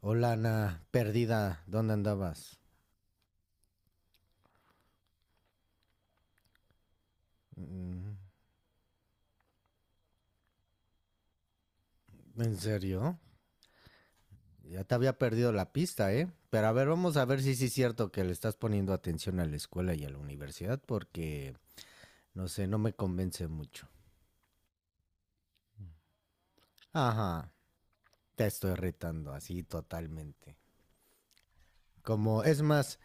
Hola, Ana, perdida, ¿dónde andabas? Mm, ¿en serio? Ya te había perdido la pista, ¿eh? Pero a ver, vamos a ver si sí es cierto que le estás poniendo atención a la escuela y a la universidad porque, no sé, no me convence mucho. Ajá, te estoy retando así totalmente. Como, es más,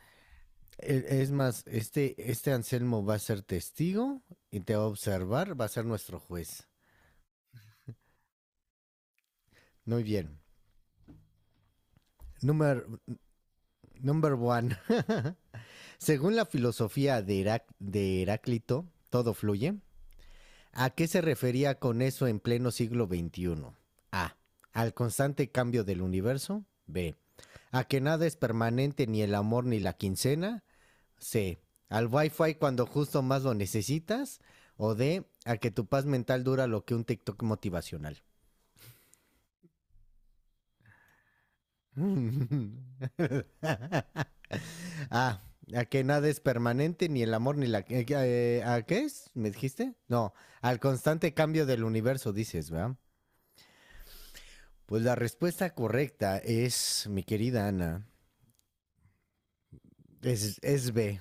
es más, este Anselmo va a ser testigo y te va a observar, va a ser nuestro juez. Muy bien. Number number one. Según la filosofía de, de Heráclito, todo fluye. ¿A qué se refería con eso en pleno siglo XXI? A. Al constante cambio del universo. B. A que nada es permanente ni el amor ni la quincena. C. Al wifi cuando justo más lo necesitas. O D. A que tu paz mental dura lo que un TikTok motivacional. Ah, a que nada es permanente, ni el amor, ni la... ¿a qué es? ¿Me dijiste? No, al constante cambio del universo, dices, ¿verdad? Pues la respuesta correcta es, mi querida Ana, es B.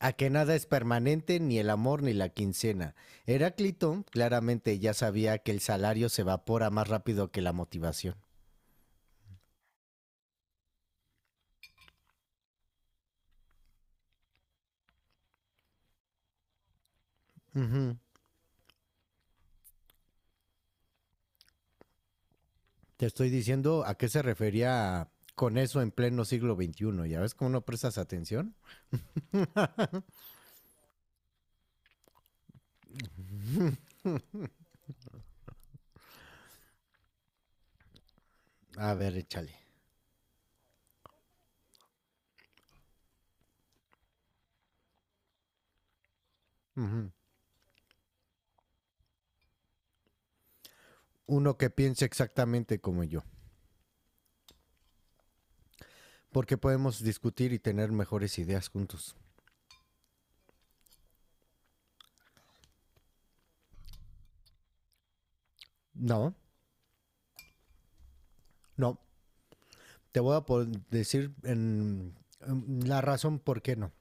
A que nada es permanente, ni el amor, ni la quincena. Heráclito claramente ya sabía que el salario se evapora más rápido que la motivación. Ujú. Te estoy diciendo a qué se refería con eso en pleno siglo XXI. ¿Ya ves cómo no prestas atención? A ver, échale. Ujú. Uno que piense exactamente como yo, porque podemos discutir y tener mejores ideas juntos. No, no, te voy a decir en la razón por qué no.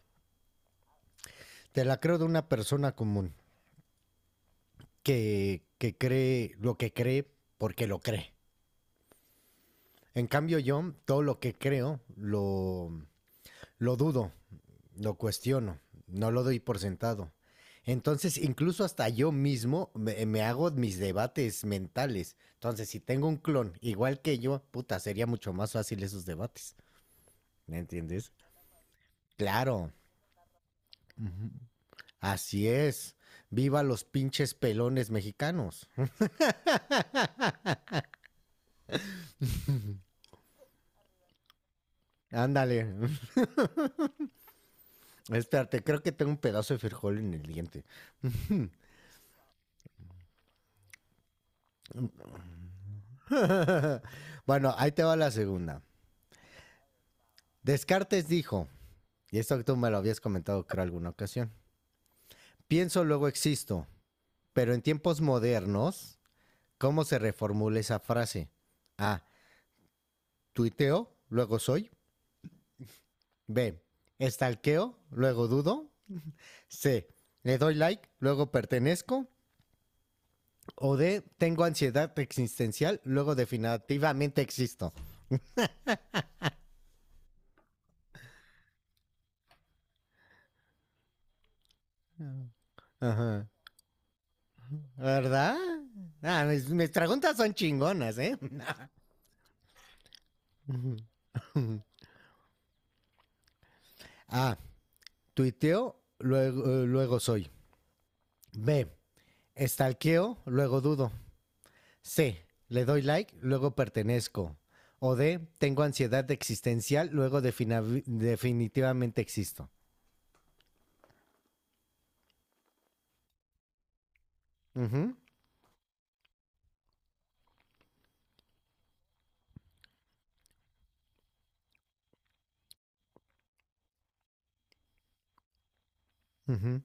Te la creo de una persona común que cree lo que cree porque lo cree. En cambio yo todo lo que creo lo dudo. Lo cuestiono, no lo doy por sentado. Entonces, incluso hasta yo mismo me hago mis debates mentales. Entonces, si tengo un clon igual que yo, puta, sería mucho más fácil esos debates. ¿Me entiendes? Claro. Ujú. Así es. Viva los pinches pelones mexicanos. Ándale. Espérate, creo que tengo un pedazo de frijol en el diente. Bueno, ahí te va la segunda. Descartes dijo, y esto tú me lo habías comentado creo alguna ocasión. Pienso, luego existo. Pero en tiempos modernos, ¿cómo se reformula esa frase? A. Tuiteo, luego soy. B. Estalqueo, luego dudo. C. Le doy like, luego pertenezco. O D. Tengo ansiedad existencial, luego definitivamente existo. Ajá. ¿Verdad? Ah, mis preguntas son chingonas, ¿eh? A. Tuiteo, luego, luego soy. B. Estalqueo, luego dudo. C. Le doy like, luego pertenezco. O D. Tengo ansiedad existencial, luego definitivamente existo. Ujú, ujú,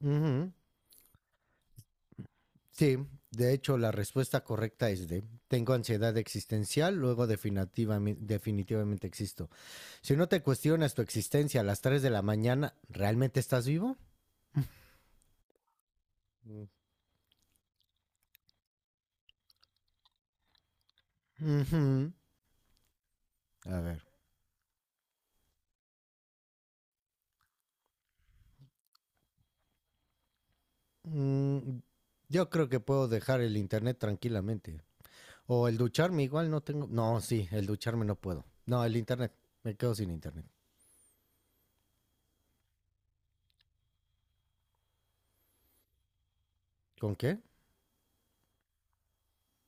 ujú. Sí, de hecho la respuesta correcta es D. Tengo ansiedad existencial, luego definitivamente existo. Si no te cuestionas tu existencia a las 3 de la mañana, ¿realmente estás vivo? Ujú. A ver. Mm, yo creo que puedo dejar el internet tranquilamente. O el ducharme, igual no tengo. No, sí, el ducharme no puedo. No, el internet. Me quedo sin internet. ¿Con qué?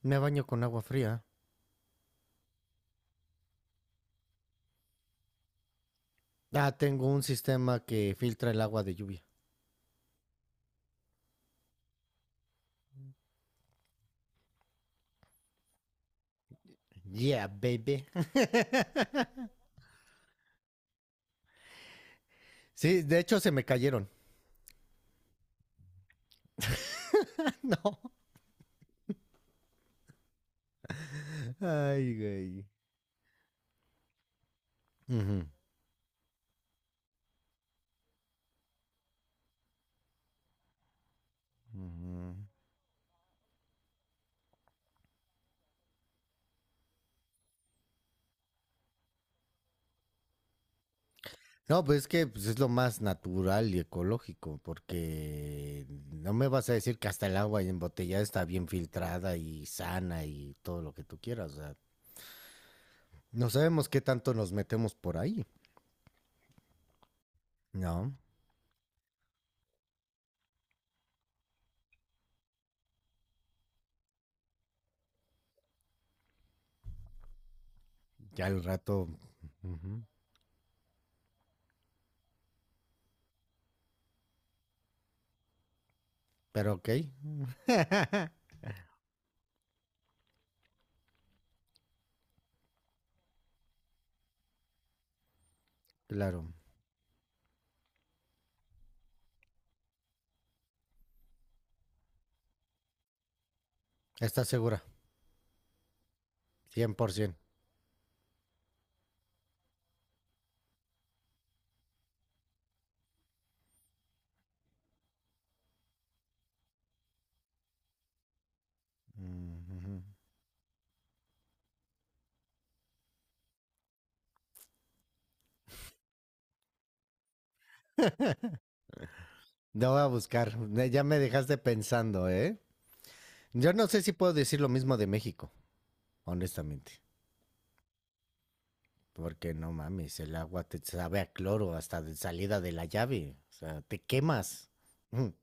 Me baño con agua fría. Ah, tengo un sistema que filtra el agua de lluvia. Yeah, baby. Sí, de hecho se me cayeron. No. Ay, güey. Ujú. No, pues es que pues, es lo más natural y ecológico, porque no me vas a decir que hasta el agua embotellada está bien filtrada y sana y todo lo que tú quieras. O sea, no sabemos qué tanto nos metemos por ahí. No, ya el rato. Ujú. Pero ok, claro. ¿Estás segura? 100%. Ujú. No voy a buscar. Ya me dejaste pensando, ¿eh? Yo no sé si puedo decir lo mismo de México, honestamente. Porque no mames, el agua te sabe a cloro hasta de salida de la llave. O sea, te quemas. Ujú.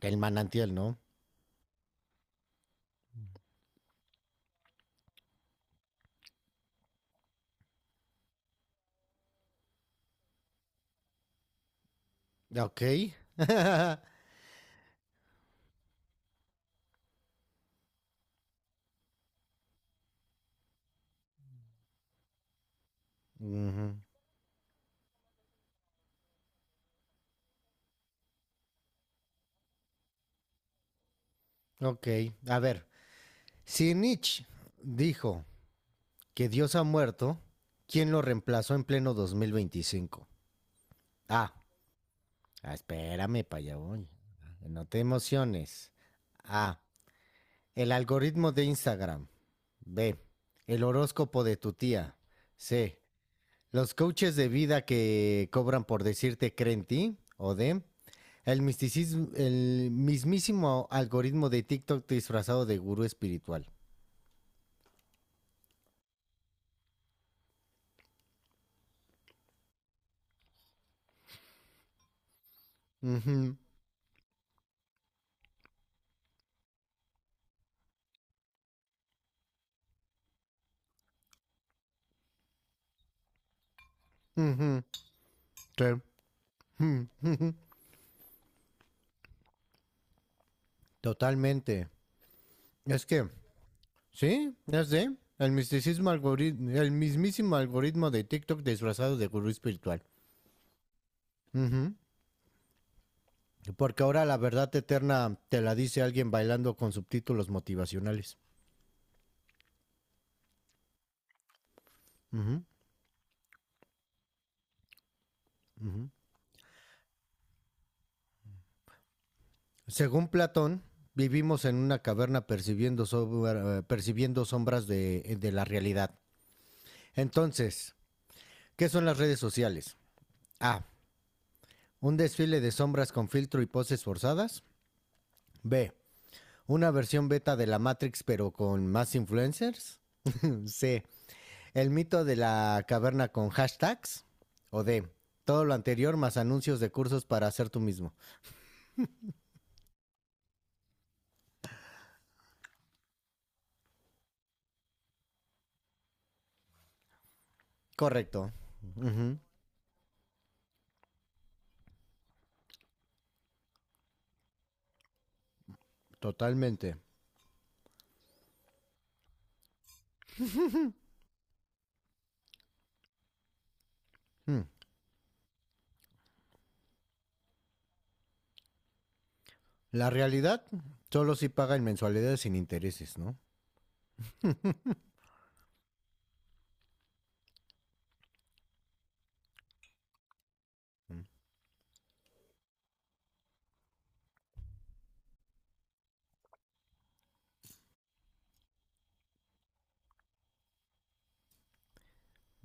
El manantial, ¿no? Ok. Ujú. Ok, a ver. Si Nietzsche dijo que Dios ha muerto, ¿quién lo reemplazó en pleno 2025? A. Ah, ah, espérame, para allá voy. No te emociones. A. El algoritmo de Instagram. B. El horóscopo de tu tía. C. Los coaches de vida que cobran por decirte creen en ti. O D. El, misticismo, el mismísimo algoritmo de TikTok disfrazado de gurú espiritual. Ujú, ujú, sí, ujú, ujú. Totalmente. Es que sí, ya sé. El misticismo algoritmo, el mismísimo algoritmo de TikTok disfrazado de gurú espiritual. Ujú. Porque ahora la verdad eterna te la dice alguien bailando con subtítulos motivacionales. Ujú, ujú. Según Platón, vivimos en una caverna percibiendo, percibiendo sombras de la realidad. Entonces, ¿qué son las redes sociales? A. Un desfile de sombras con filtro y poses forzadas. B. Una versión beta de la Matrix pero con más influencers. C. El mito de la caverna con hashtags. O D. Todo lo anterior más anuncios de cursos para hacer tú mismo. Correcto. Ujú, totalmente. Mm. La realidad solo si paga en mensualidades sin intereses, ¿no? Mm.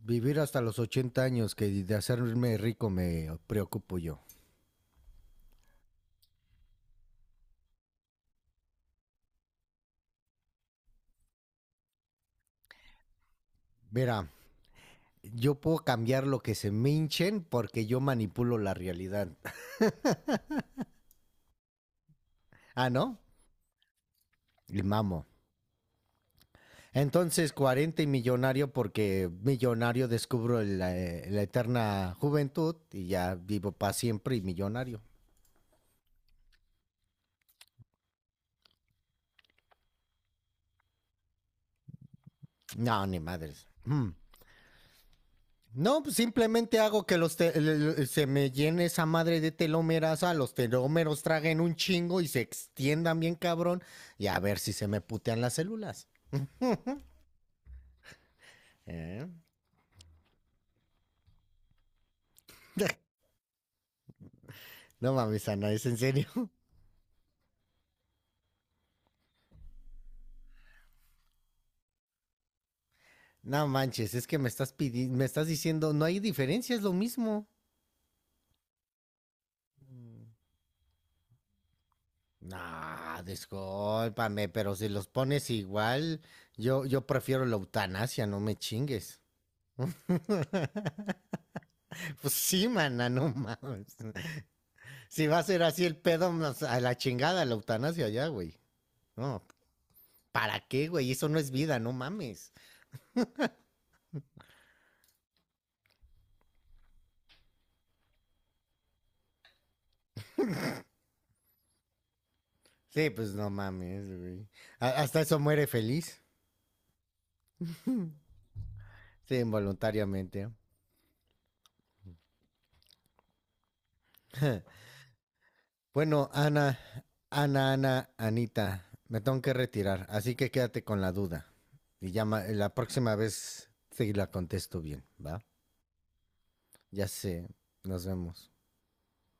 Vivir hasta los 80 años que de hacerme rico me preocupo yo. Verá, yo puedo cambiar lo que se me hinchen porque yo manipulo la realidad. Ah, ¿no? Y mamo. Entonces, 40 y millonario porque millonario descubro la, la eterna juventud y ya vivo para siempre y millonario. No, ni madres. Mm. No, pues simplemente hago que los se me llene esa madre de telómeras, a los telómeros traguen un chingo y se extiendan bien cabrón y a ver si se me putean las células. ¿Eh? No mames, Ana, es en serio. No manches, es que me me estás diciendo, no hay diferencia, es lo mismo. No, discúlpame, pero si los pones igual, yo prefiero la eutanasia, no me chingues. Pues sí, mana, no mames. Si va a ser así el pedo, a la chingada, la eutanasia ya, güey. No, ¿para qué, güey? Eso no es vida, no mames. Sí, pues no mames, güey. A- hasta eso muere feliz. Sí, involuntariamente. Bueno, Ana, Anita, me tengo que retirar, así que quédate con la duda. Y llama, la próxima vez sí la contesto bien, ¿va? Ya sé, nos vemos.